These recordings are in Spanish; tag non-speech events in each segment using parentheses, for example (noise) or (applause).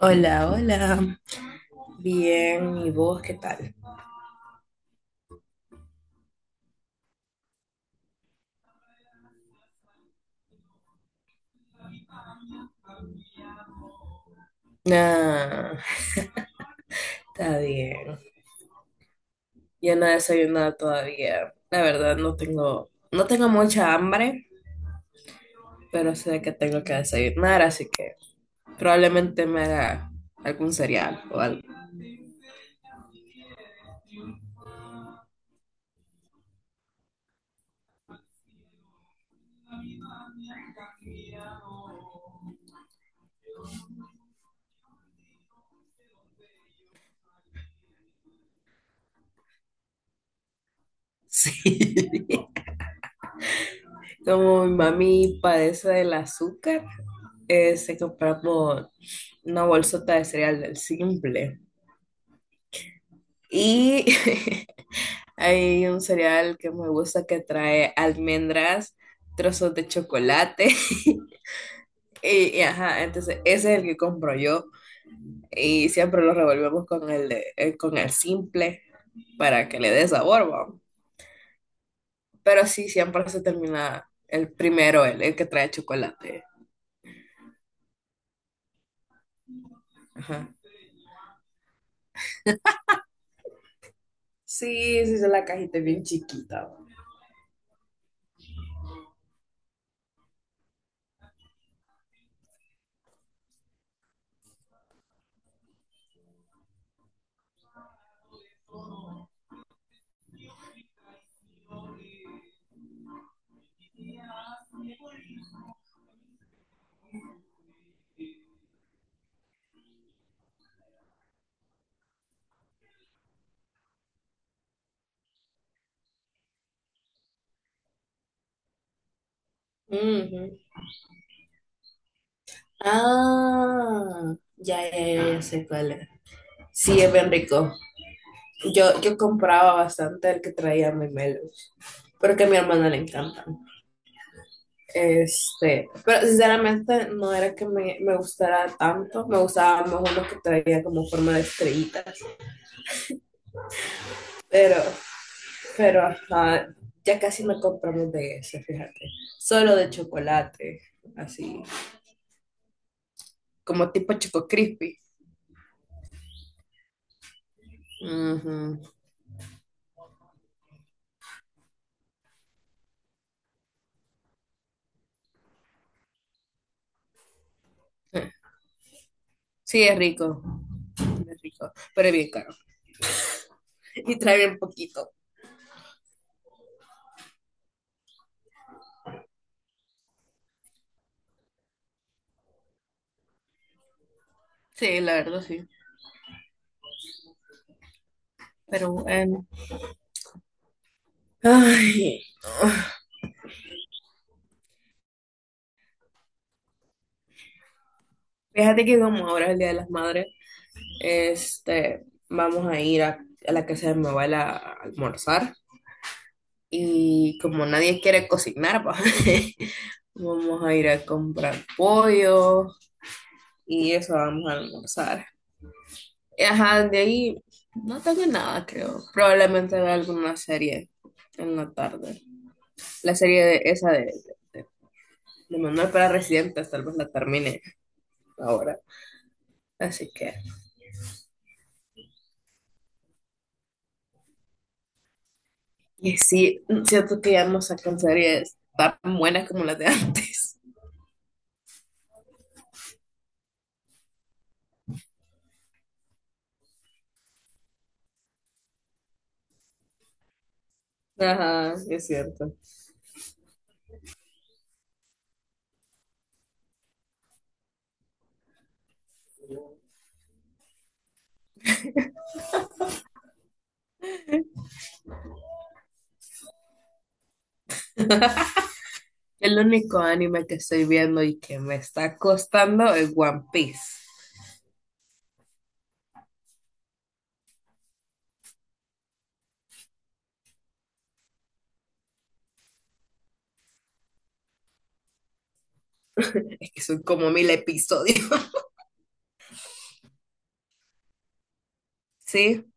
Hola, hola. Bien, ¿y vos qué tal? Ah, está bien. Yo no he desayunado todavía. La verdad, no tengo mucha hambre, pero sé que tengo que desayunar, así que probablemente me haga algún cereal o algo. (laughs) Sí. Como mi mami padece del azúcar, se compramos una bolsota de cereal del simple. Y (laughs) hay un cereal que me gusta que trae almendras, trozos de chocolate. (laughs) Y ajá, entonces ese es el que compro yo. Y siempre lo revolvemos con con el simple para que le dé sabor, ¿va? Pero sí, siempre se termina el primero, el que trae chocolate. Ajá. Sí, sí, la cajita es bien chiquita. Ujú. Ah, ya, ya, ya, ya sé cuál es. Sí, es bien rico. Yo compraba bastante el que traía memelos, porque a mi hermana le encantan. Este, pero sinceramente no era que me gustara tanto, me gustaban mejor los que traía como forma de estrellitas, pero, pero ajá, ya casi no compramos de ese, fíjate. Solo de chocolate, así. Como tipo Choco Crispy. Ujú. Sí, es rico. Es rico, pero es bien caro. Y trae bien poquito. Sí, la verdad sí. Pero bueno, ay, fíjate que como ahora es el Día de las Madres, vamos a ir a la casa de mi abuela a almorzar y como nadie quiere cocinar, pa, (laughs) vamos a ir a comprar pollo y eso vamos a almorzar. Y, ajá, de ahí no tengo nada, creo. Probablemente vea alguna serie en la tarde. La serie de, esa de, de Manuel para Residentes, tal vez la termine ahora. Así que... Y sí, siento que ya no sacan series tan buenas como las de (laughs) antes. Ajá, es cierto. El único anime que estoy viendo y que me está costando es One Piece. Es que son como 1000 episodios. (laughs) Sí,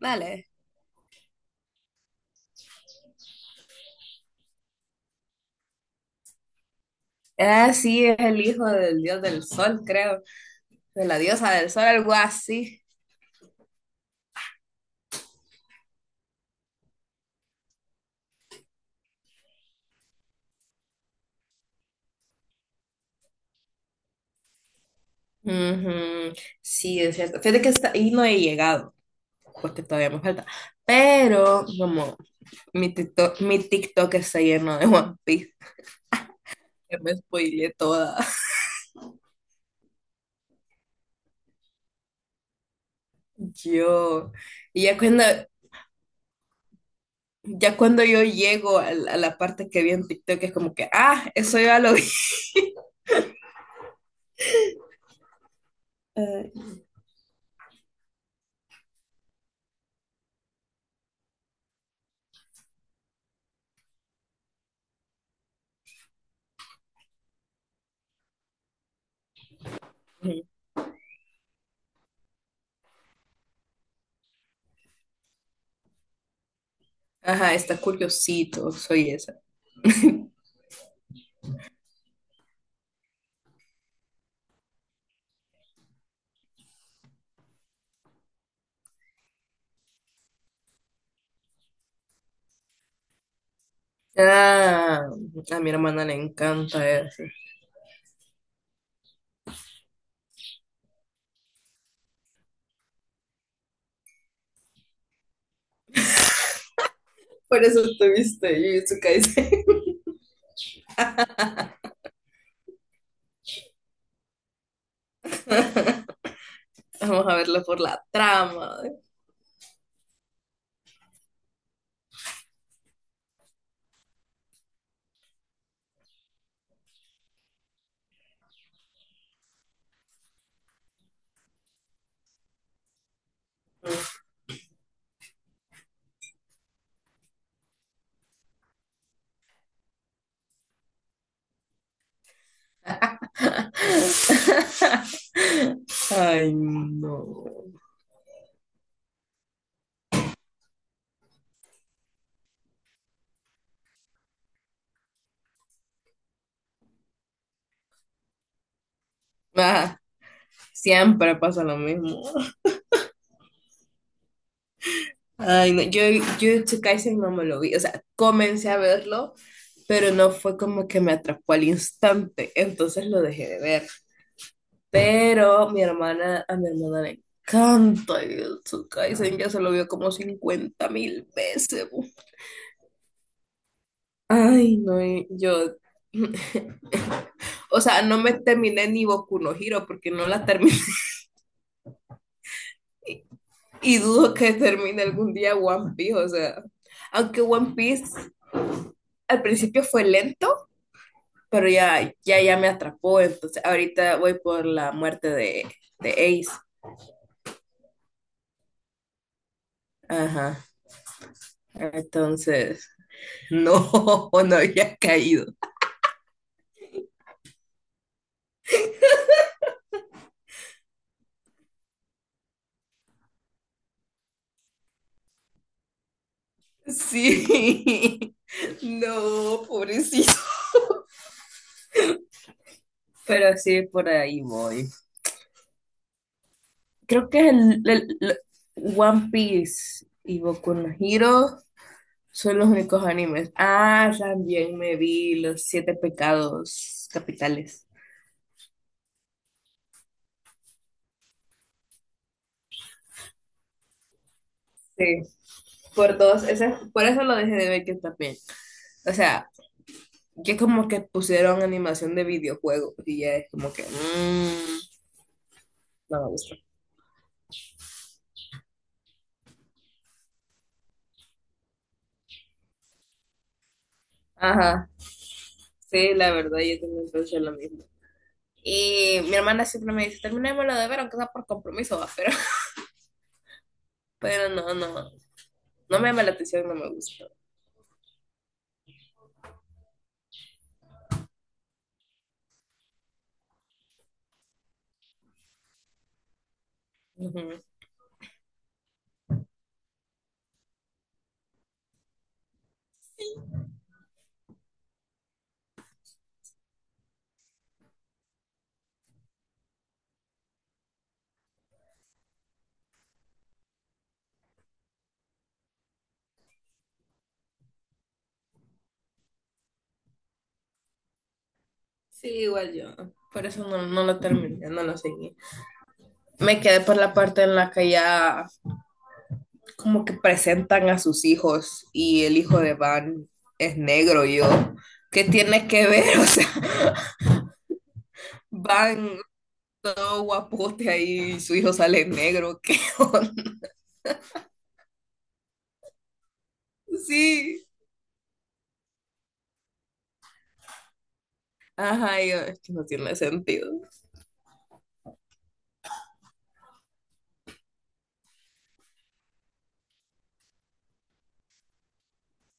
dale. Ah, sí, es el hijo del dios del sol, creo. De la diosa del sol, algo así. Ujú, sí, es cierto. Fíjate que está, y no he llegado, porque todavía me falta. Pero, como, mi TikTok está lleno de One Piece. Ya me spoileé toda. (laughs) Yo. Y ya ya cuando yo llego a a la parte que vi en TikTok, es como que, ah, eso ya lo vi. (laughs) Ay. Ujú. Ajá, está curiosito, soy esa. Ah, a mi hermana le encanta eso. Por eso tuviste Jujutsu Kaisen. (laughs) Vamos a verlo por la trama. Ay, no. Ajá, siempre pasa lo mismo. Ay, no, yo Jujutsu Kaisen no me lo vi, o sea, comencé a verlo, pero no fue como que me atrapó al instante, entonces lo dejé de ver. Pero mi hermana, a mi hermana le encanta Jujutsu Kaisen, ya se lo vio como 50 000 veces. Bu. Ay, no, y yo, (laughs) o sea, no me terminé ni Boku no Hero porque no la terminé (laughs) y dudo que termine algún día One Piece, o sea, aunque One Piece al principio fue lento. Pero ya, ya, ya me atrapó, entonces ahorita voy por la muerte de Ace. Ajá. Entonces, no, (laughs) no había caído. Sí, (laughs) no, pobrecito. Pero sí, por ahí voy. Creo que One Piece y Boku no Hero son los únicos animes. Ah, también me vi Los Siete Pecados Capitales. Sí, por eso lo dejé de ver que también. O sea, que como que pusieron animación de videojuego y ya es como que no me gusta. Ajá, sí, la verdad, yo también pienso lo mismo. Y mi hermana siempre me dice, terminémoslo de ver, aunque sea por compromiso, va, pero, (laughs) pero no, no, no me llama la atención, no me gusta. Ujú. Sí, igual yo. Por eso no, no lo terminé, no lo seguí. Me quedé por la parte en la que ya como que presentan a sus hijos y el hijo de Van es negro, y yo. ¿Qué tiene que ver? (laughs) O sea, Van todo guapote ahí, su hijo sale negro, (laughs) ¿qué onda? Sí. Ajá, y yo, es que no tiene sentido.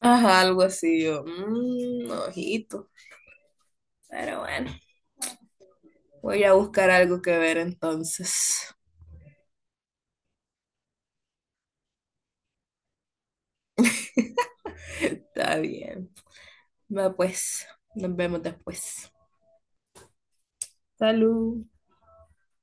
Ajá, algo así, yo, mmm, ojito. Pero bueno, voy a buscar algo que ver entonces. (laughs) Está bien. Va pues, nos vemos después. Salud.